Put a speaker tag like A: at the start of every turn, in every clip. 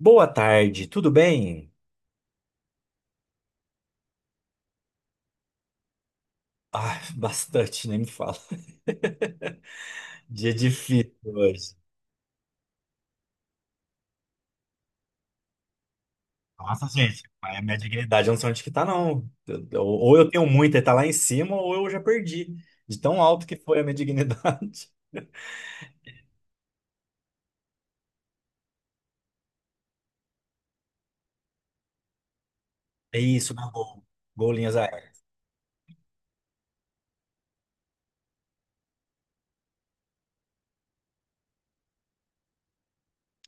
A: Boa tarde, tudo bem? Ah, bastante, nem me fala. Dia difícil hoje. Nossa, gente, é a minha dignidade eu não sei onde que tá, não. Ou eu tenho muita e tá lá em cima, ou eu já perdi. De tão alto que foi a minha dignidade. É isso, na Gol. Golinhas aéreas.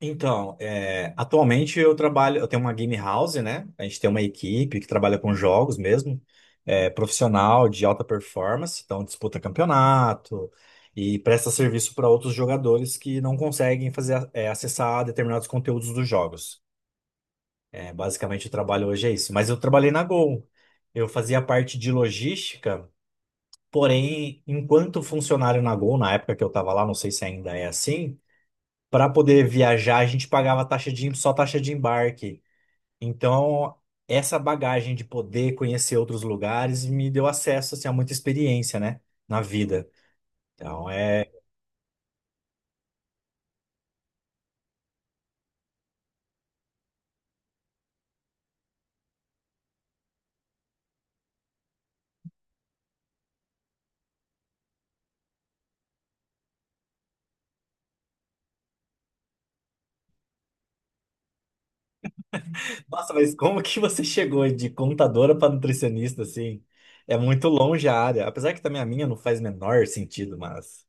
A: Então, atualmente eu trabalho, eu tenho uma game house, né? A gente tem uma equipe que trabalha com jogos mesmo, profissional de alta performance, então disputa campeonato e presta serviço para outros jogadores que não conseguem fazer, acessar determinados conteúdos dos jogos. É, basicamente o trabalho hoje é isso. Mas eu trabalhei na Gol. Eu fazia parte de logística, porém, enquanto funcionário na Gol, na época que eu estava lá, não sei se ainda é assim. Para poder viajar, a gente pagava só taxa de embarque. Então, essa bagagem de poder conhecer outros lugares me deu acesso assim, a muita experiência, né, na vida. Então, é. Nossa, mas como que você chegou de contadora para nutricionista assim? É muito longe a área. Apesar que também a minha não faz o menor sentido, mas.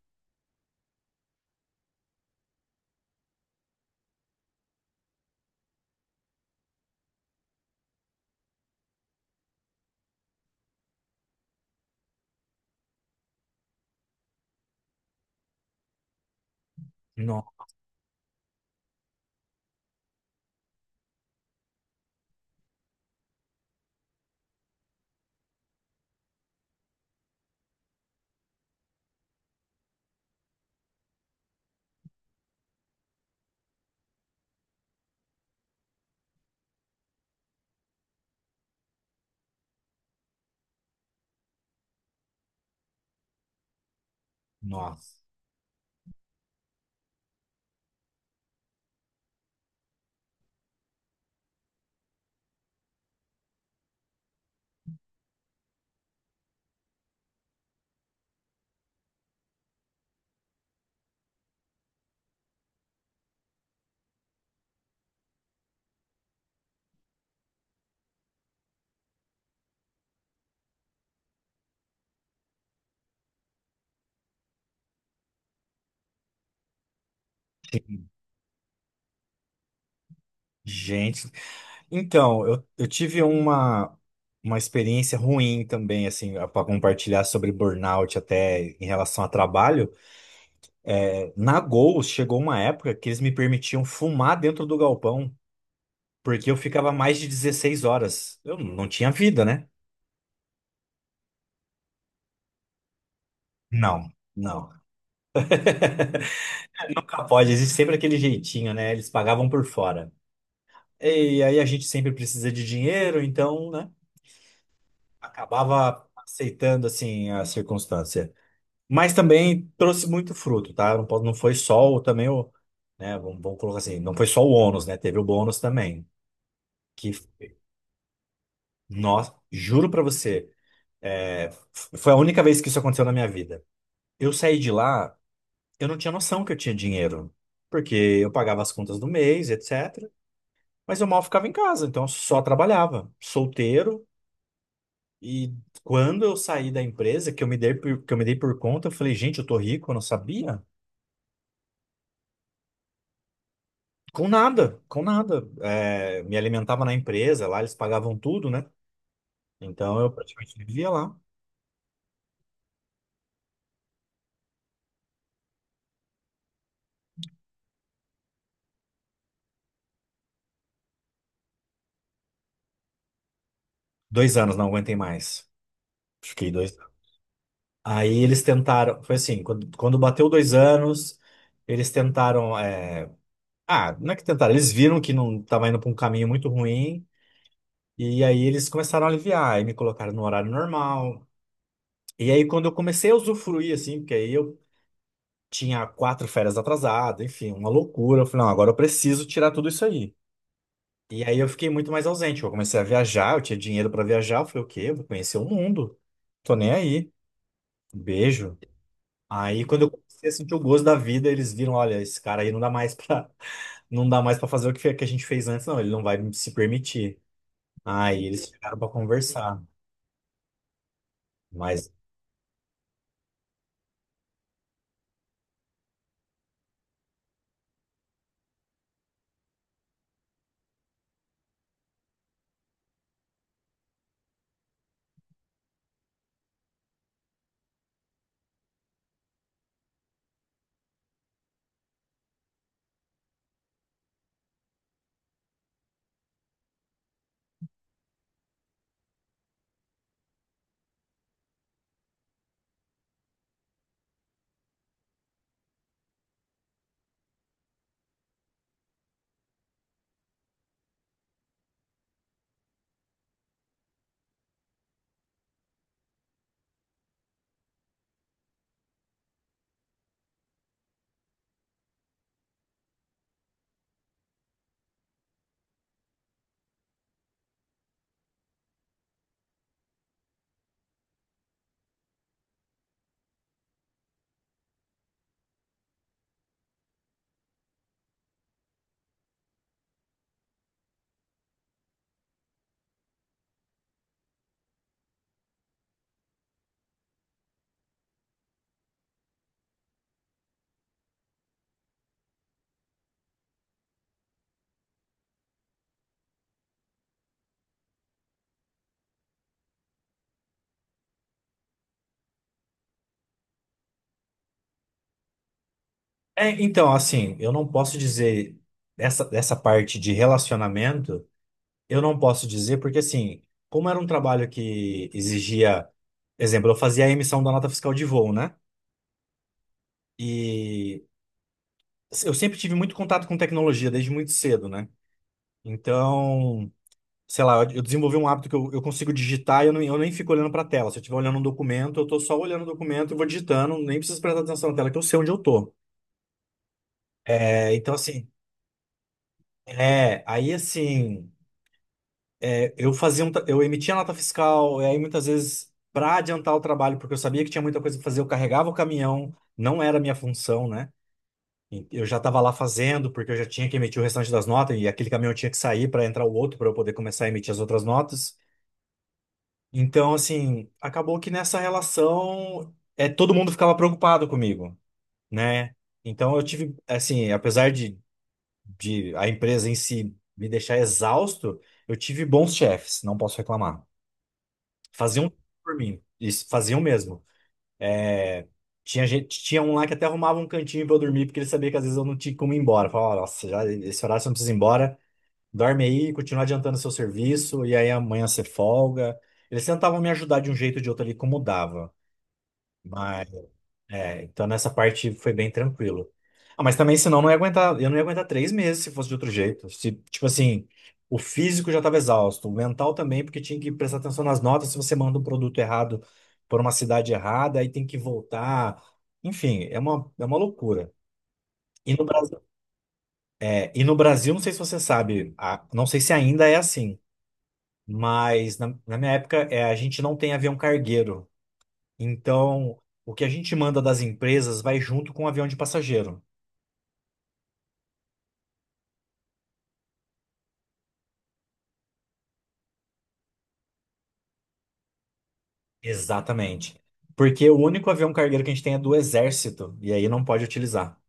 A: No- Nossa. Gente, então, eu tive uma experiência ruim também, assim, para compartilhar sobre burnout até em relação a trabalho. É, na Gol, chegou uma época que eles me permitiam fumar dentro do galpão, porque eu ficava mais de 16 horas. Eu não tinha vida, né? Não, não. Nunca pode, existe sempre aquele jeitinho, né? Eles pagavam por fora. E aí a gente sempre precisa de dinheiro, então, né? Acabava aceitando, assim, a circunstância. Mas também trouxe muito fruto, tá? Não, não foi só o, também o, né? Vamos colocar assim, não foi só o ônus, né? Teve o bônus também. Que, nossa, juro pra você, é, foi a única vez que isso aconteceu na minha vida. Eu saí de lá, eu não tinha noção que eu tinha dinheiro, porque eu pagava as contas do mês, etc. Mas eu mal ficava em casa, então eu só trabalhava, solteiro. E quando eu saí da empresa, que eu me dei por conta, eu falei, gente, eu tô rico, eu não sabia. Com nada, com nada. É, me alimentava na empresa, lá eles pagavam tudo, né? Então eu praticamente vivia lá. 2 anos, não aguentei mais. Fiquei 2 anos. Aí eles tentaram, foi assim, quando bateu 2 anos, eles tentaram. Não é que tentaram, eles viram que não estava indo para um caminho muito ruim, e aí eles começaram a aliviar, aí me colocaram no horário normal. E aí quando eu comecei a usufruir, assim, porque aí eu tinha quatro férias atrasadas, enfim, uma loucura. Eu falei, não, agora eu preciso tirar tudo isso aí. E aí eu fiquei muito mais ausente. Eu comecei a viajar, eu tinha dinheiro pra viajar. Eu falei, o quê? Eu vou conhecer o mundo. Tô nem aí. Beijo. Aí quando eu comecei a sentir o gosto da vida, eles viram, olha, esse cara aí não dá mais pra, não dá mais para fazer o que que a gente fez antes, não. Ele não vai se permitir. Aí eles chegaram pra conversar. Mas é, então, assim, eu não posso dizer essa parte de relacionamento, eu não posso dizer porque assim, como era um trabalho que exigia, exemplo, eu fazia a emissão da nota fiscal de voo, né? E eu sempre tive muito contato com tecnologia, desde muito cedo, né? Então, sei lá, eu desenvolvi um hábito que eu, consigo digitar e eu, não, eu nem fico olhando para a tela. Se eu estiver olhando um documento, eu tô só olhando o documento e vou digitando, nem preciso prestar atenção na tela, que eu sei onde eu tô. É, então, assim, aí assim, eu fazia eu emitia nota fiscal, e aí muitas vezes, para adiantar o trabalho, porque eu sabia que tinha muita coisa para fazer, eu carregava o caminhão, não era a minha função, né? Eu já estava lá fazendo, porque eu já tinha que emitir o restante das notas, e aquele caminhão tinha que sair para entrar o outro para eu poder começar a emitir as outras notas. Então, assim, acabou que nessa relação todo mundo ficava preocupado comigo, né? Então eu tive, assim, apesar de a empresa em si me deixar exausto, eu tive bons chefes, não posso reclamar. Faziam por mim, isso, faziam mesmo. É, tinha gente, tinha um lá que até arrumava um cantinho pra eu dormir, porque ele sabia que às vezes eu não tinha como ir embora. Falava, "Ah, nossa, já, esse horário você não precisa ir embora, dorme aí, continua adiantando seu serviço, e aí amanhã você folga." Eles tentavam me ajudar de um jeito ou de outro ali, como dava. Mas é, então nessa parte foi bem tranquilo. Ah, mas também, senão, eu não ia aguentar, eu não ia aguentar 3 meses se fosse de outro jeito. Se, tipo assim, o físico já estava exausto, o mental também, porque tinha que prestar atenção nas notas. Se você manda um produto errado por uma cidade errada, aí tem que voltar. Enfim, é uma loucura. E no Brasil, não sei se você sabe, não sei se ainda é assim, mas na minha época, a gente não tem avião cargueiro. Então, o que a gente manda das empresas vai junto com o avião de passageiro. Exatamente. Porque o único avião cargueiro que a gente tem é do Exército, e aí não pode utilizar.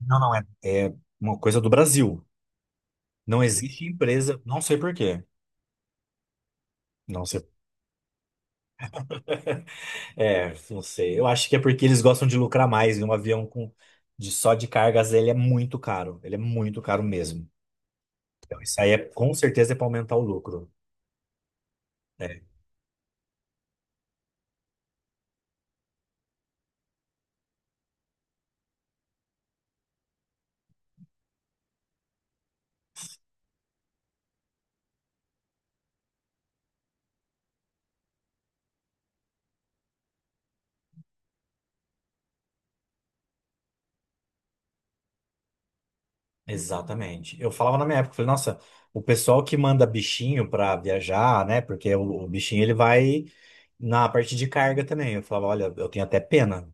A: Não, não é. É uma coisa do Brasil. Não existe empresa, não sei por quê. Não sei. É, não sei. Eu acho que é porque eles gostam de lucrar mais, e um avião com de só de cargas, ele é muito caro. Ele é muito caro mesmo. Então, isso aí é, com certeza é para aumentar o lucro. É, exatamente. Eu falava na minha época, eu falei, nossa, o pessoal que manda bichinho para viajar, né? Porque o bichinho ele vai na parte de carga também. Eu falava, olha, eu tenho até pena.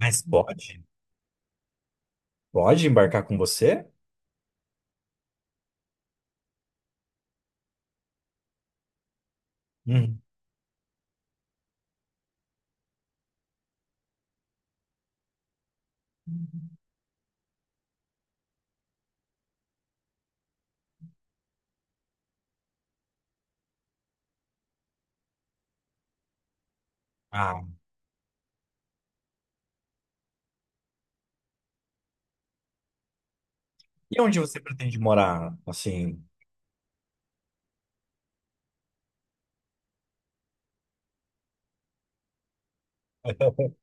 A: Mas pode? Pode embarcar com você? Hum. Ah, e onde você pretende morar? Assim,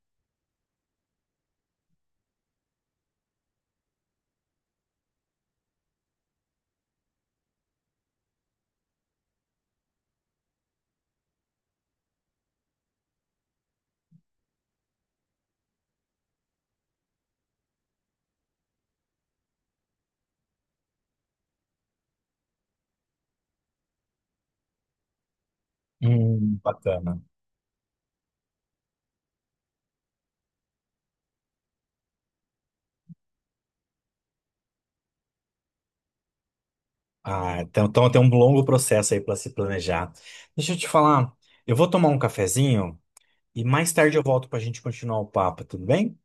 A: bacana. Ah, então tem um longo processo aí para se planejar. Deixa eu te falar, eu vou tomar um cafezinho e mais tarde eu volto para a gente continuar o papo, tudo bem?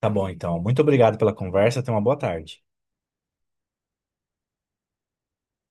A: Tá bom, então. Muito obrigado pela conversa. Tenha uma boa tarde.